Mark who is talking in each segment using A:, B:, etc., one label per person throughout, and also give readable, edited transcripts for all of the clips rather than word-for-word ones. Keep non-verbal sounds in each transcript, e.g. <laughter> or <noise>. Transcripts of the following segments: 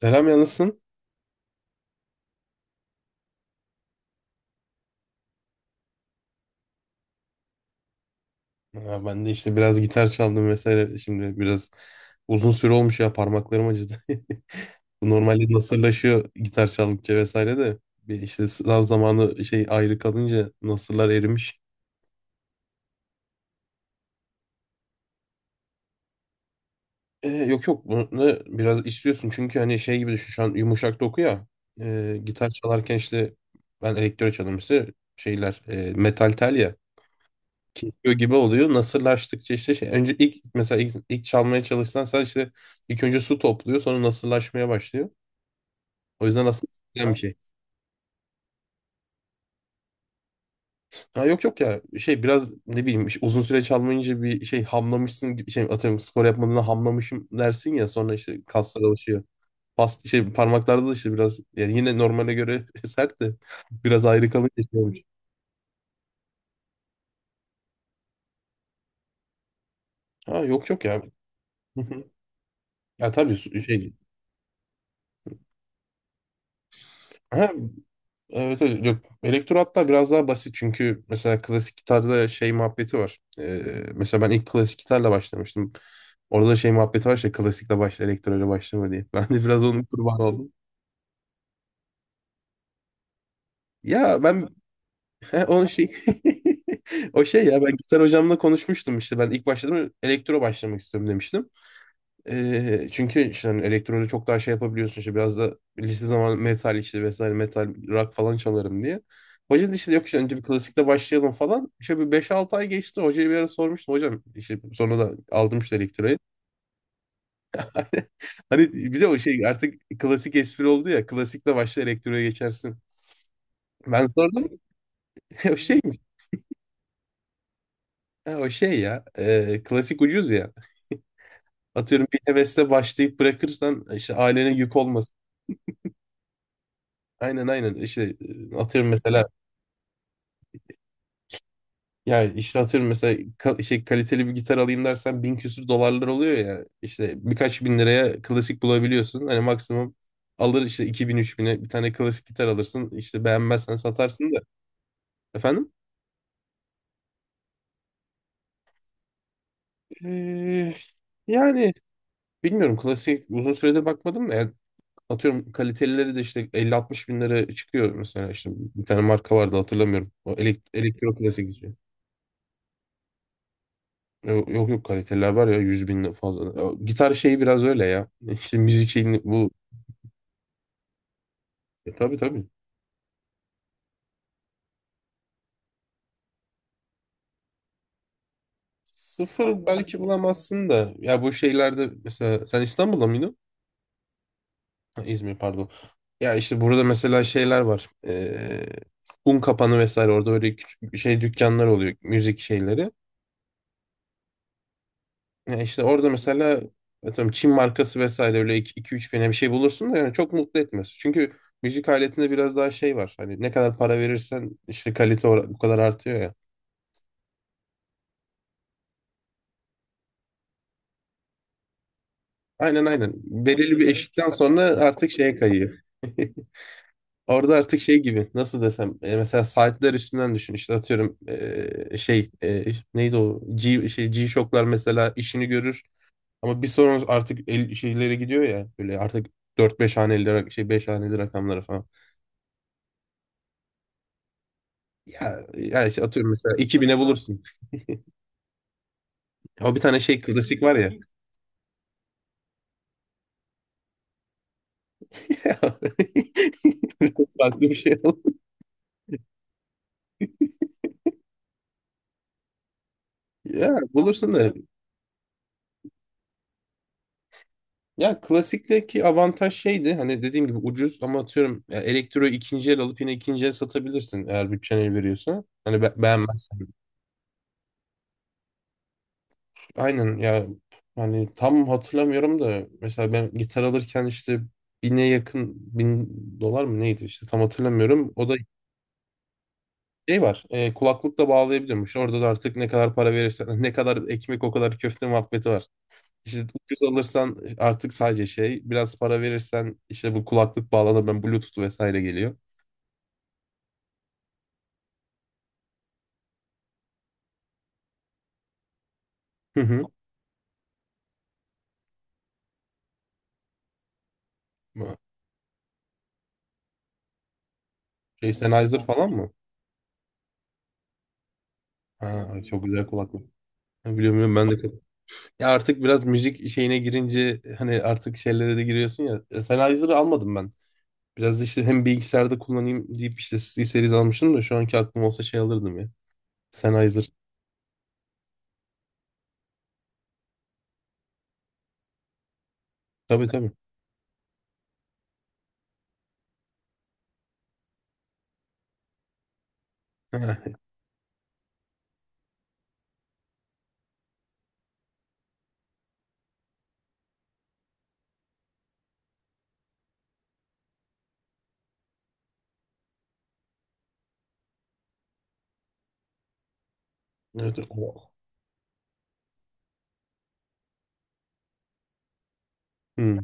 A: Selam yalnızsın. Ha, ben de işte biraz gitar çaldım vesaire. Şimdi biraz uzun süre olmuş ya, parmaklarım acıdı. <laughs> Bu normalde nasırlaşıyor gitar çaldıkça vesaire de. Bir işte sınav zamanı şey ayrı kalınca nasırlar erimiş. Yok yok, bunu biraz istiyorsun çünkü hani şey gibi düşün, şu an yumuşak doku ya. Gitar çalarken işte ben elektro çalıyorum, işte şeyler metal tel ya. Yapıyor gibi oluyor. Nasırlaştıkça işte şey, önce ilk, mesela ilk çalmaya çalışsan sen işte ilk önce su topluyor, sonra nasırlaşmaya başlıyor. O yüzden aslında isteyen bir şey. Ha, yok yok ya, şey biraz ne bileyim, işte uzun süre çalmayınca bir şey hamlamışsın gibi, şey atıyorum spor yapmadığında hamlamışım dersin ya, sonra işte kaslar alışıyor. Past şey parmaklarda da işte biraz yani yine normale göre <laughs> sert de, biraz ayrı kalınca şey olmuş. Ha, yok yok ya. <laughs> Ya tabii, ha, Evet, evet, yok. Elektro hatta biraz daha basit, çünkü mesela klasik gitarda şey muhabbeti var. Mesela ben ilk klasik gitarla başlamıştım. Orada da şey muhabbeti var, işte klasikle başla, elektroyla başlama diye. <laughs> Ben de biraz onun kurbanı oldum. Ya ben, he, onun şey <laughs> o şey ya, ben gitar hocamla konuşmuştum, işte ben ilk başladım, elektro başlamak istiyorum demiştim. Çünkü işte hani elektrolu çok daha şey yapabiliyorsun, işte biraz da lise zamanı metal işte vesaire, metal rock falan çalarım diye. Hoca da işte yok, işte önce bir klasikle başlayalım falan. İşte bir beş altı ay geçti. Hocaya bir ara sormuştum. Hocam işte sonra da aldım işte elektroyu. <laughs> Hani bize o şey artık klasik espri oldu ya. Klasikle başla, elektroya geçersin. Ben sordum. <laughs> O şeymiş. Ha, o şey ya. Klasik ucuz ya. Atıyorum bir hevesle başlayıp bırakırsan işte ailene yük olmasın. Aynen aynen. İşte atıyorum mesela, yani işte atıyorum mesela kaliteli bir gitar alayım dersen bin küsür dolarlar oluyor ya. İşte birkaç bin liraya klasik bulabiliyorsun. Hani maksimum alır işte iki bin üç bin'e bir tane klasik gitar alırsın. İşte beğenmezsen satarsın da. Efendim? Ee, yani bilmiyorum, klasik uzun süredir bakmadım da, yani atıyorum kalitelileri de işte elli altmış bin lira çıkıyor, mesela işte bir tane marka vardı, hatırlamıyorum. O elektro klasik diye. Yok yok yok, kaliteliler var ya 100 bin fazla. O gitar şeyi biraz öyle ya. İşte müzik şeyini bu... E, tabii tabii. Sıfır belki bulamazsın da. Ya bu şeylerde mesela, sen İstanbul'da mıydın? Ha, İzmir, pardon. Ya işte burada mesela şeyler var. Un kapanı vesaire, orada böyle küçük şey dükkanlar oluyor. Müzik şeyleri. Ya işte orada mesela atıyorum Çin markası vesaire öyle iki üç bine bir şey bulursun da, yani çok mutlu etmez. Çünkü müzik aletinde biraz daha şey var. Hani ne kadar para verirsen işte kalite o bu kadar artıyor ya. Aynen aynen. Belirli bir eşikten sonra artık şeye kayıyor. Orada artık şey gibi, nasıl desem mesela saatler üstünden düşün, işte atıyorum e, şey e, neydi o G, şey G-Shock'lar mesela işini görür, ama bir sonra artık şeylere gidiyor ya, böyle artık dört beş haneli rak- şey 5 haneli rakamlara falan. Ya, ya işte atıyorum mesela iki bine bulursun. O bir tane şey klasik var ya. <laughs> Biraz farklı bir şey oldu. Ya bulursun da... Ya klasikteki avantaj şeydi, hani dediğim gibi ucuz, ama atıyorum ya elektroyu ikinci el alıp yine ikinci el satabilirsin, eğer bütçen el veriyorsa. Hani beğenmezsen. Aynen ya, hani tam hatırlamıyorum da, mesela ben gitar alırken işte bine yakın bin dolar mı neydi, işte tam hatırlamıyorum. O da şey var kulaklıkla bağlayabiliyormuş. Orada da artık ne kadar para verirsen <laughs> ne kadar ekmek o kadar köfte muhabbeti var. İşte ucuz alırsan artık sadece şey, biraz para verirsen işte bu kulaklık bağlanır, ben Bluetooth vesaire geliyor. Hı hı. Şey Sennheiser falan mı? Ha, çok güzel kulaklık. Ha, biliyorum biliyorum, ben de. Ya artık biraz müzik şeyine girince hani artık şeylere de giriyorsun ya. E, Sennheiser'ı almadım ben. Biraz işte hem bilgisayarda kullanayım deyip işte C Series almıştım da, şu anki aklım olsa şey alırdım ya. Sennheiser. Tabii tabii. <laughs> Ha, evet. O-. Hı.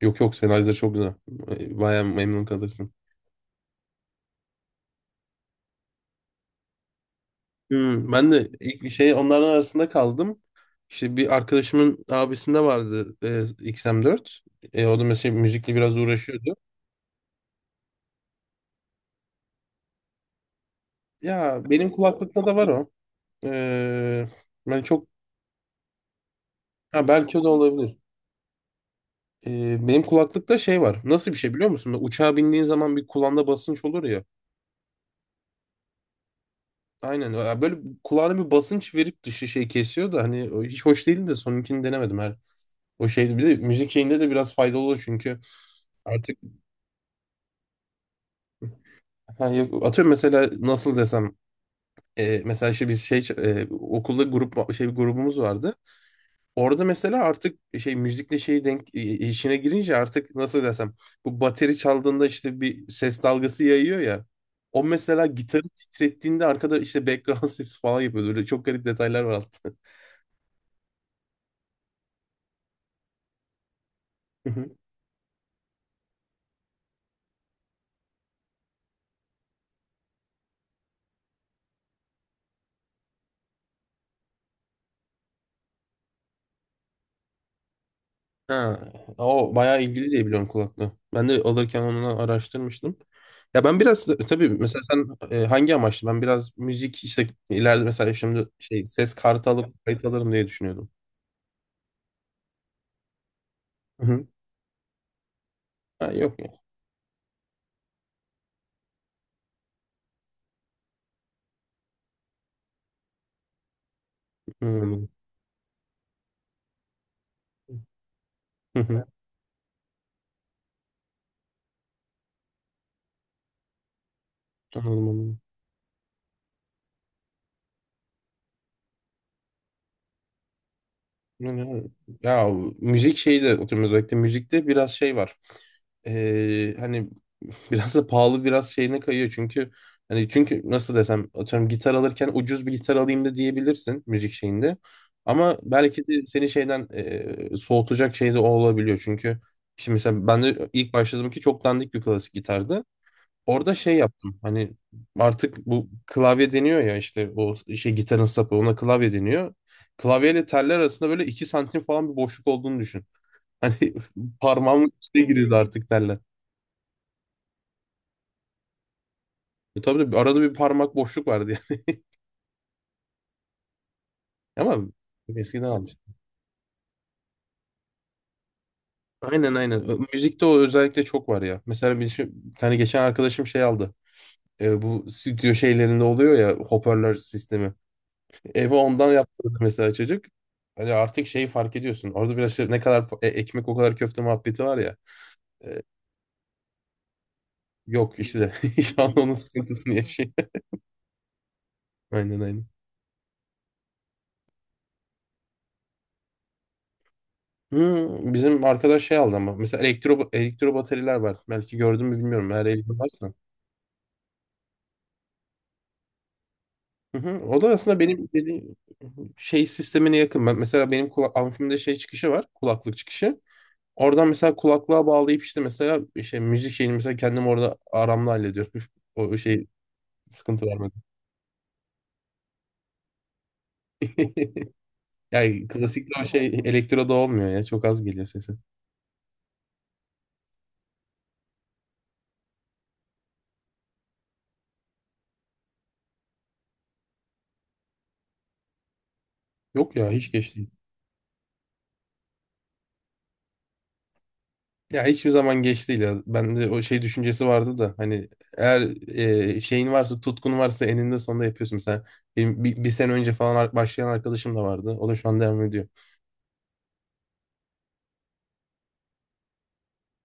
A: Yok yok, Sennheiser çok güzel. E, bayağı memnun kalırsın. Hmm, ben de ilk şey onların arasında kaldım. İşte bir arkadaşımın abisinde vardı XM4. E, o da mesela müzikle biraz uğraşıyordu. Ya benim kulaklıkta da var o. E, ben çok, ha, belki o da olabilir. E, benim kulaklıkta şey var. Nasıl bir şey, biliyor musun? Böyle uçağa bindiğin zaman bir kulağında basınç olur ya. Aynen. Ya böyle kulağına bir basınç verip dışı şey kesiyor da, hani o hiç hoş değildi de, sonunkini denemedim her. O şeydi. Bir de müzik şeyinde de biraz faydalı oluyor çünkü. Artık... Ha, yok. Atıyorum mesela nasıl desem mesela işte biz şey okulda grup şey grubumuz vardı. Orada mesela artık şey müzikle şey denk işine girince artık nasıl desem, bu bateri çaldığında işte bir ses dalgası yayıyor ya. O mesela gitarı titrettiğinde arkada işte background <laughs> sesi falan yapıyordu. Böyle çok garip detaylar var altta. <laughs> Ha, o bayağı ilgili diye biliyorum kulaklığı. Ben de alırken onu araştırmıştım. Ya ben biraz tabii, mesela sen hangi amaçlı? Ben biraz müzik işte ileride mesela şimdi şey ses kartı alıp kayıt alırım diye düşünüyordum. Hı hı. Ha, yok ya. Hı hı. Hı hı. Anladım, anladım. Yani, evet. Ya müzik şeyi de oturuyoruz, özellikle müzikte biraz şey var. Hani <laughs> biraz da pahalı, biraz şeyine kayıyor çünkü, hani çünkü nasıl desem atıyorum gitar alırken ucuz bir gitar alayım da diyebilirsin müzik şeyinde. Ama belki de seni şeyden soğutacak şey de o olabiliyor çünkü şimdi mesela ben de ilk başladığım ki çok dandik bir klasik gitardı. Orada şey yaptım. Hani artık bu klavye deniyor ya, işte o şey gitarın sapı, ona klavye deniyor. Klavyeyle teller arasında böyle 2 santim falan bir boşluk olduğunu düşün. Hani <laughs> parmağımın içine giriyordu artık teller. E tabii de arada bir parmak boşluk vardı yani. <laughs> Ama eskiden almış. Aynen aynen. Müzikte o özellikle çok var ya. Mesela biz bir tane geçen arkadaşım şey aldı. E, bu stüdyo şeylerinde oluyor ya, hoparlör sistemi. Evi ondan yaptırdı mesela çocuk. Hani artık şeyi fark ediyorsun. Orada biraz şey, ne kadar pa- e- ekmek o kadar köfte muhabbeti var ya. E, yok işte <laughs> şu an onun sıkıntısını yaşıyor. <laughs> Aynen aynen. Hmm, bizim arkadaş şey aldı ama. Mesela elektro bataryalar var. Belki gördün mü bilmiyorum. Eğer elinde varsa. Hı hı. O da aslında benim dediğim şey sistemine yakın. Mesela benim amfimde şey çıkışı var. Kulaklık çıkışı. Oradan mesela kulaklığa bağlayıp işte mesela şey müzik şeyini mesela kendim orada aramla hallediyorum. <laughs> O şey sıkıntı var. <laughs> Yani klasikle o şey elektroda olmuyor ya. Çok az geliyor sesi. Yok ya hiç geç değil. Ya hiçbir zaman geç değil ya. Bende o şey düşüncesi vardı da, hani eğer şeyin varsa, tutkun varsa eninde sonunda yapıyorsun. Mesela benim bir sene önce falan başlayan arkadaşım da vardı. O da şu an devam ediyor.